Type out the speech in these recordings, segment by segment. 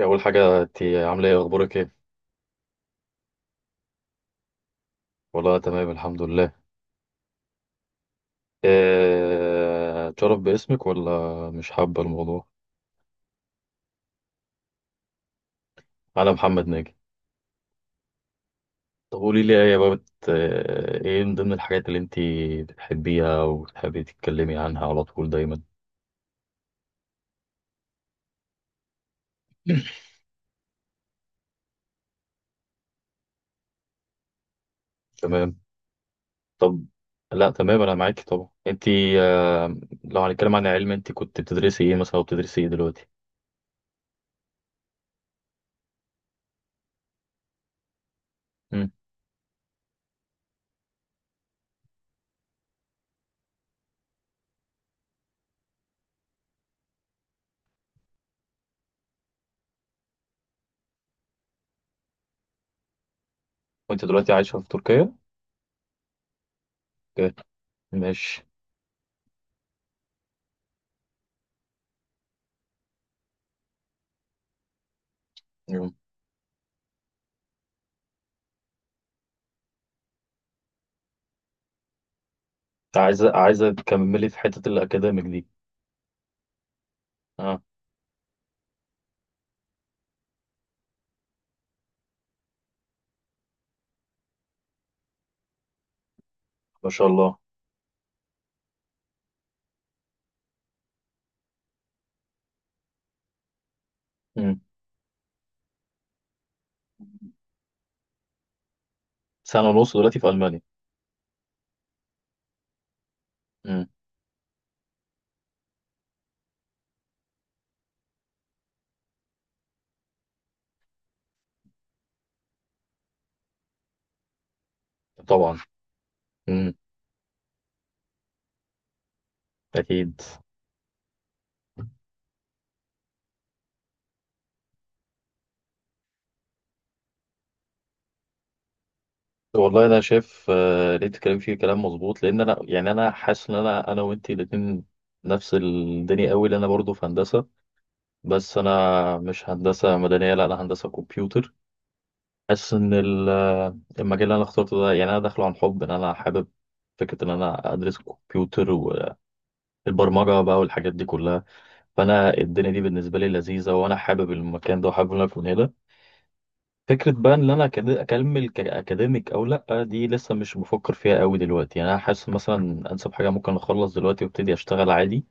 أول حاجة أنت عاملة إيه؟ أخبارك إيه؟ والله تمام، الحمد لله. إيه، تشرف باسمك ولا مش حابة الموضوع؟ أنا محمد ناجي. طب قولي لي إيه يا بابت، إيه من ضمن الحاجات اللي أنت بتحبيها وتحبي تتكلمي عنها على طول دايما؟ تمام. طب، لا تمام، أنا معاكي طبعا. أنت آه، لو هنتكلم عن علم، أنت كنت بتدرسي إيه مثلا وبتدرسي إيه دلوقتي؟ مم. وأنت دلوقتي عايشة في تركيا؟ أوكي، ماشي. مم. عايزة عايزة تكملي في حتة الأكاديميك دي. اه. ما شاء الله. مم. سنة ونص دلوقتي في ألمانيا. مم. طبعا. مم. أكيد. والله أنا شايف، اللي أنت بتتكلم فيه كلام مظبوط، لأن أنا يعني أنا حاسس إن أنا وأنت الاتنين نفس الدنيا قوي، لأن أنا برضه في هندسة، بس أنا مش هندسة مدنية، لا أنا هندسة كمبيوتر. حاسس إن المجال اللي أنا اخترته ده، يعني أنا داخله عن حب، إن أنا حابب فكرة إن أنا أدرس كمبيوتر والبرمجة بقى والحاجات دي كلها. فأنا الدنيا دي بالنسبة لي لذيذة، وأنا حابب المكان ده وحابب إن أنا أكون هنا. فكرة بقى ان انا اكمل كاكاديميك او لا، دي لسه مش بفكر فيها قوي دلوقتي، يعني انا حاسس مثلا انسب حاجة ممكن اخلص دلوقتي وابتدي اشتغل عادي.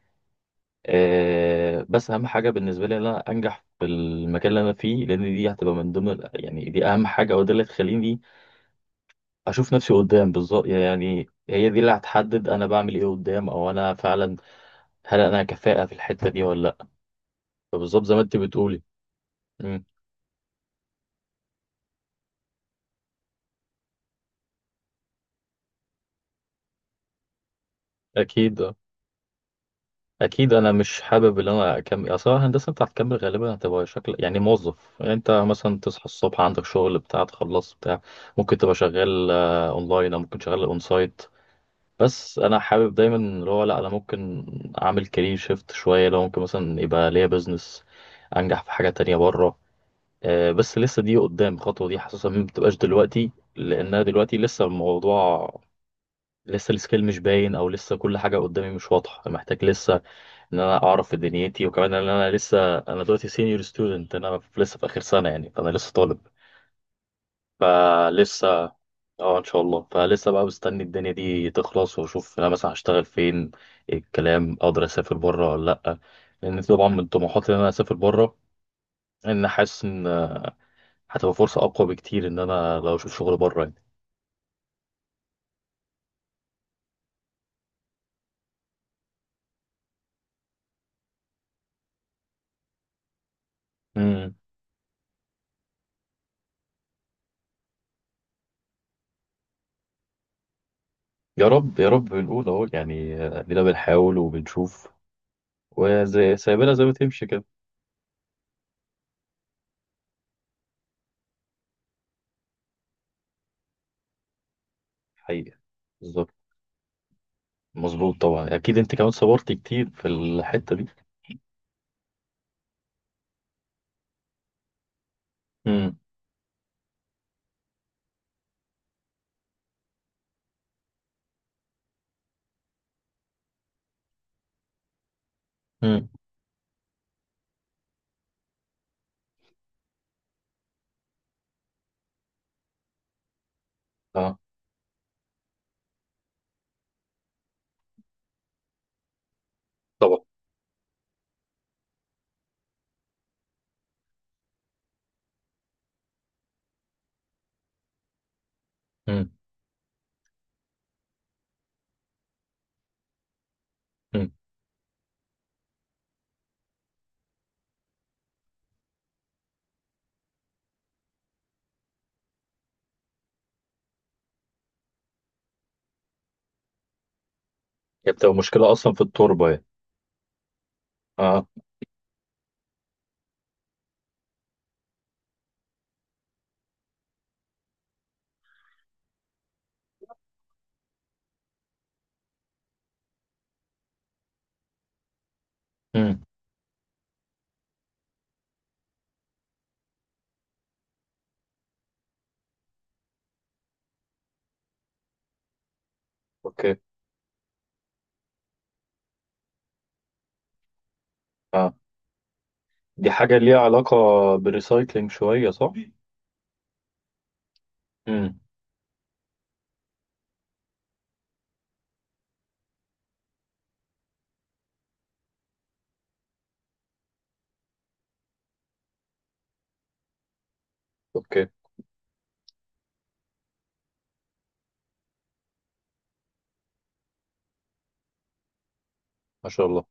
أه، بس اهم حاجة بالنسبة لي ان انا انجح في المكان اللي انا فيه، لان دي هتبقى من ضمن يعني دي اهم حاجة، وده اللي تخليني اشوف نفسي قدام بالظبط، يعني هي دي اللي هتحدد انا بعمل ايه قدام، او انا فعلا هل انا كفاءة في الحتة دي ولا لا. فبالظبط زي ما انت بتقولي. مم، اكيد. اكيد انا مش حابب ان انا اكمل اصل الهندسه، انت هتكمل غالبا هتبقى شكل يعني موظف، يعني انت مثلا تصحى الصبح عندك شغل بتاع، تخلص بتاع، ممكن تبقى شغال اونلاين او ممكن شغال اون سايت. بس انا حابب دايما اللي هو، لا انا ممكن اعمل كارير شيفت شويه، لو ممكن مثلا يبقى ليا بزنس انجح في حاجه تانية بره. بس لسه دي قدام، الخطوه دي حاسسها ما بتبقاش دلوقتي، لانها دلوقتي لسه الموضوع لسه، السكيل مش باين، او لسه كل حاجه قدامي مش واضحه، محتاج لسه ان انا اعرف في دنيتي. وكمان ان انا لسه، انا دلوقتي سينيور ستودنت، انا لسه في اخر سنه يعني، فانا لسه طالب. فلسه اه ان شاء الله، فلسه بقى مستني الدنيا دي تخلص، واشوف انا مثلا هشتغل فين، إيه الكلام، اقدر اسافر بره ولا لا، لان طبعا من طموحاتي ان انا اسافر بره، ان حاسس ان هتبقى فرصه اقوى بكتير ان انا لو اشوف شغل بره يعني. امم. يا رب يا رب، بنقول اهو يعني، ادينا بنحاول وبنشوف، وزي سايبنا زي ما تمشي كده. حقيقة. بالظبط. مظبوط طبعا، اكيد انت كمان صبرت كتير في الحته دي. امم. امم. اه طبعا. امم. امم. هي بتبقى مشكله اصلا في التربه يعني. اه. امم. اوكي. اه. دي حاجه ليها علاقه بالريسايكلينج شويه صح. امم. اوكي. ما شاء الله.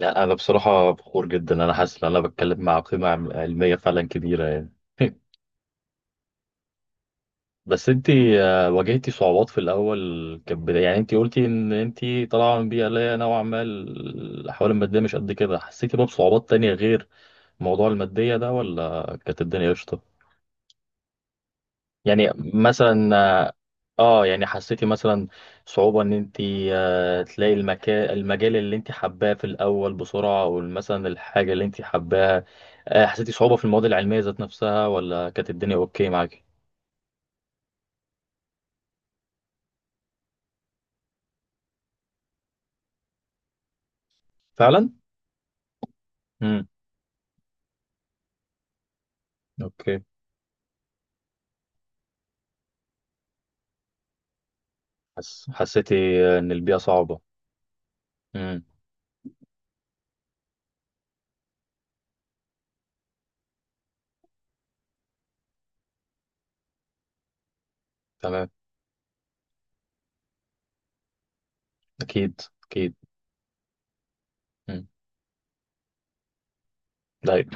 لا انا بصراحه فخور جدا، انا حاسس ان انا بتكلم مع قيمه علميه فعلا كبيره يعني. بس انت، واجهتي صعوبات في الاول كبداية، يعني انت قلتي ان انت طالعه من بيئه اللي هي نوعا ما الاحوال الماديه مش قد كده، حسيتي بقى بصعوبات تانية غير موضوع الماديه ده، ولا كانت الدنيا قشطه؟ يعني مثلا اه، يعني حسيتي مثلا صعوبه ان انت تلاقي المكان المجال اللي انت حباه في الاول بسرعه، او مثلا الحاجه اللي انت حباها، حسيتي صعوبه في المواد العلميه ذات نفسها، ولا كانت الدنيا اوكي معاكي؟ فعلا. امم. اوكي. حسيتي ان البيئه صعبه. امم. تمام. اكيد اكيد. امم. طيب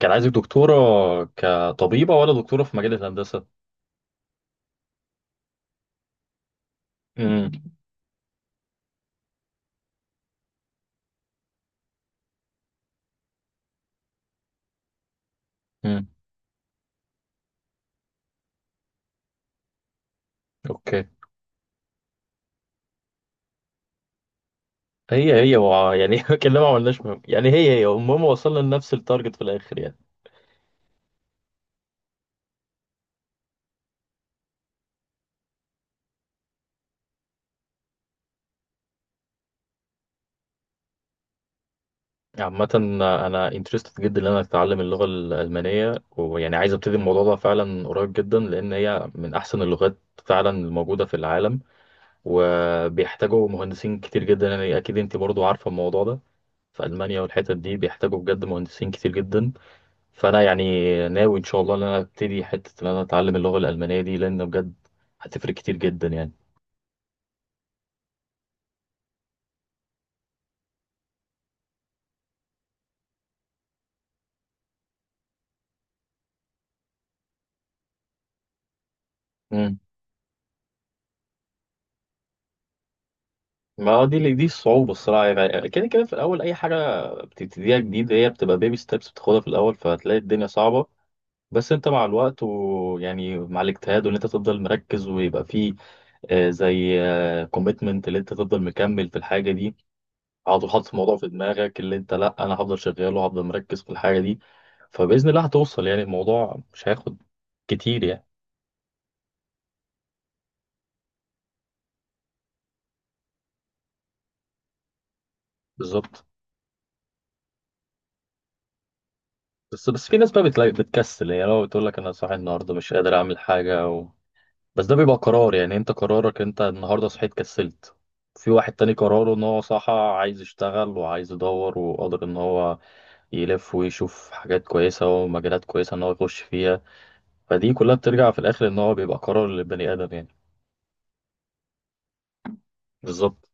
كان عايزك دكتوره كطبيبه ولا دكتوره في مجال الهندسه؟ امم. امم. اوكي. هي هي و... يعني كلنا ما عملناش مهم. يعني هي هي المهم وصلنا لنفس التارجت في الاخر يعني. عامة، أنا انترستد جدا إن أنا أتعلم اللغة الألمانية، ويعني عايز أبتدي الموضوع ده فعلا قريب جدا، لأن هي من أحسن اللغات فعلا الموجودة في العالم، وبيحتاجوا مهندسين كتير جدا، يعني أكيد أنت برضو عارفة الموضوع ده، في ألمانيا والحتت دي بيحتاجوا بجد مهندسين كتير جدا. فأنا يعني ناوي إن شاء الله إن أنا أبتدي حتة إن أنا أتعلم اللغة الألمانية دي، لأن بجد هتفرق كتير جدا يعني. مم. ما هو دي الصعوبة الصراحة، يعني كده كده في الأول أي حاجة بتبتديها جديد هي بتبقى بيبي ستيبس بتاخدها في الأول، فهتلاقي الدنيا صعبة. بس أنت مع الوقت ويعني مع الاجتهاد، وإن أنت تفضل مركز ويبقى فيه زي كوميتمنت، اللي أنت تفضل مكمل في الحاجة دي، حاطط حاطط الموضوع في دماغك، اللي انت لا انا هفضل شغال وهفضل مركز في الحاجه دي، فباذن الله هتوصل يعني، الموضوع مش هياخد كتير يعني. بالظبط. بس بس في ناس بقى بتلاقي بتكسل، يعني لو بتقول لك انا صاحي النهارده مش قادر اعمل حاجه و...، بس ده بيبقى قرار، يعني انت قرارك انت النهارده صحيت كسلت، في واحد تاني قراره ان هو صحى عايز يشتغل وعايز يدور وقادر ان هو يلف ويشوف حاجات كويسه ومجالات كويسه ان هو يخش فيها، فدي كلها بترجع في الاخر ان هو بيبقى قرار للبني ادم يعني. بالظبط.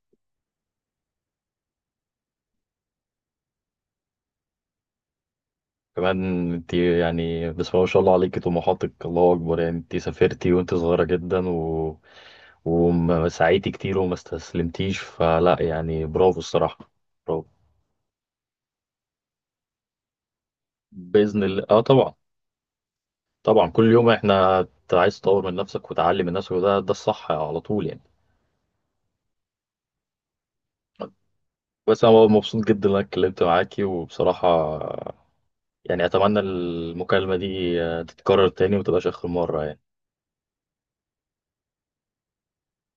كمان انت يعني بسم الله ما شاء الله عليكي طموحاتك، الله اكبر، يعني انت سافرتي وانت صغيره جدا و...، وسعيتي كتير وما استسلمتيش، فلا يعني برافو الصراحه. برافو. باذن الله اه طبعا، طبعا كل يوم احنا انت عايز تطور من نفسك وتعلي من نفسك، وده ده الصح على طول يعني. بس انا مبسوط جدا ان انا اتكلمت معاكي، وبصراحه يعني اتمنى المكالمه دي تتكرر تاني ومتبقاش اخر مره يعني.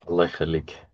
الله يخليك.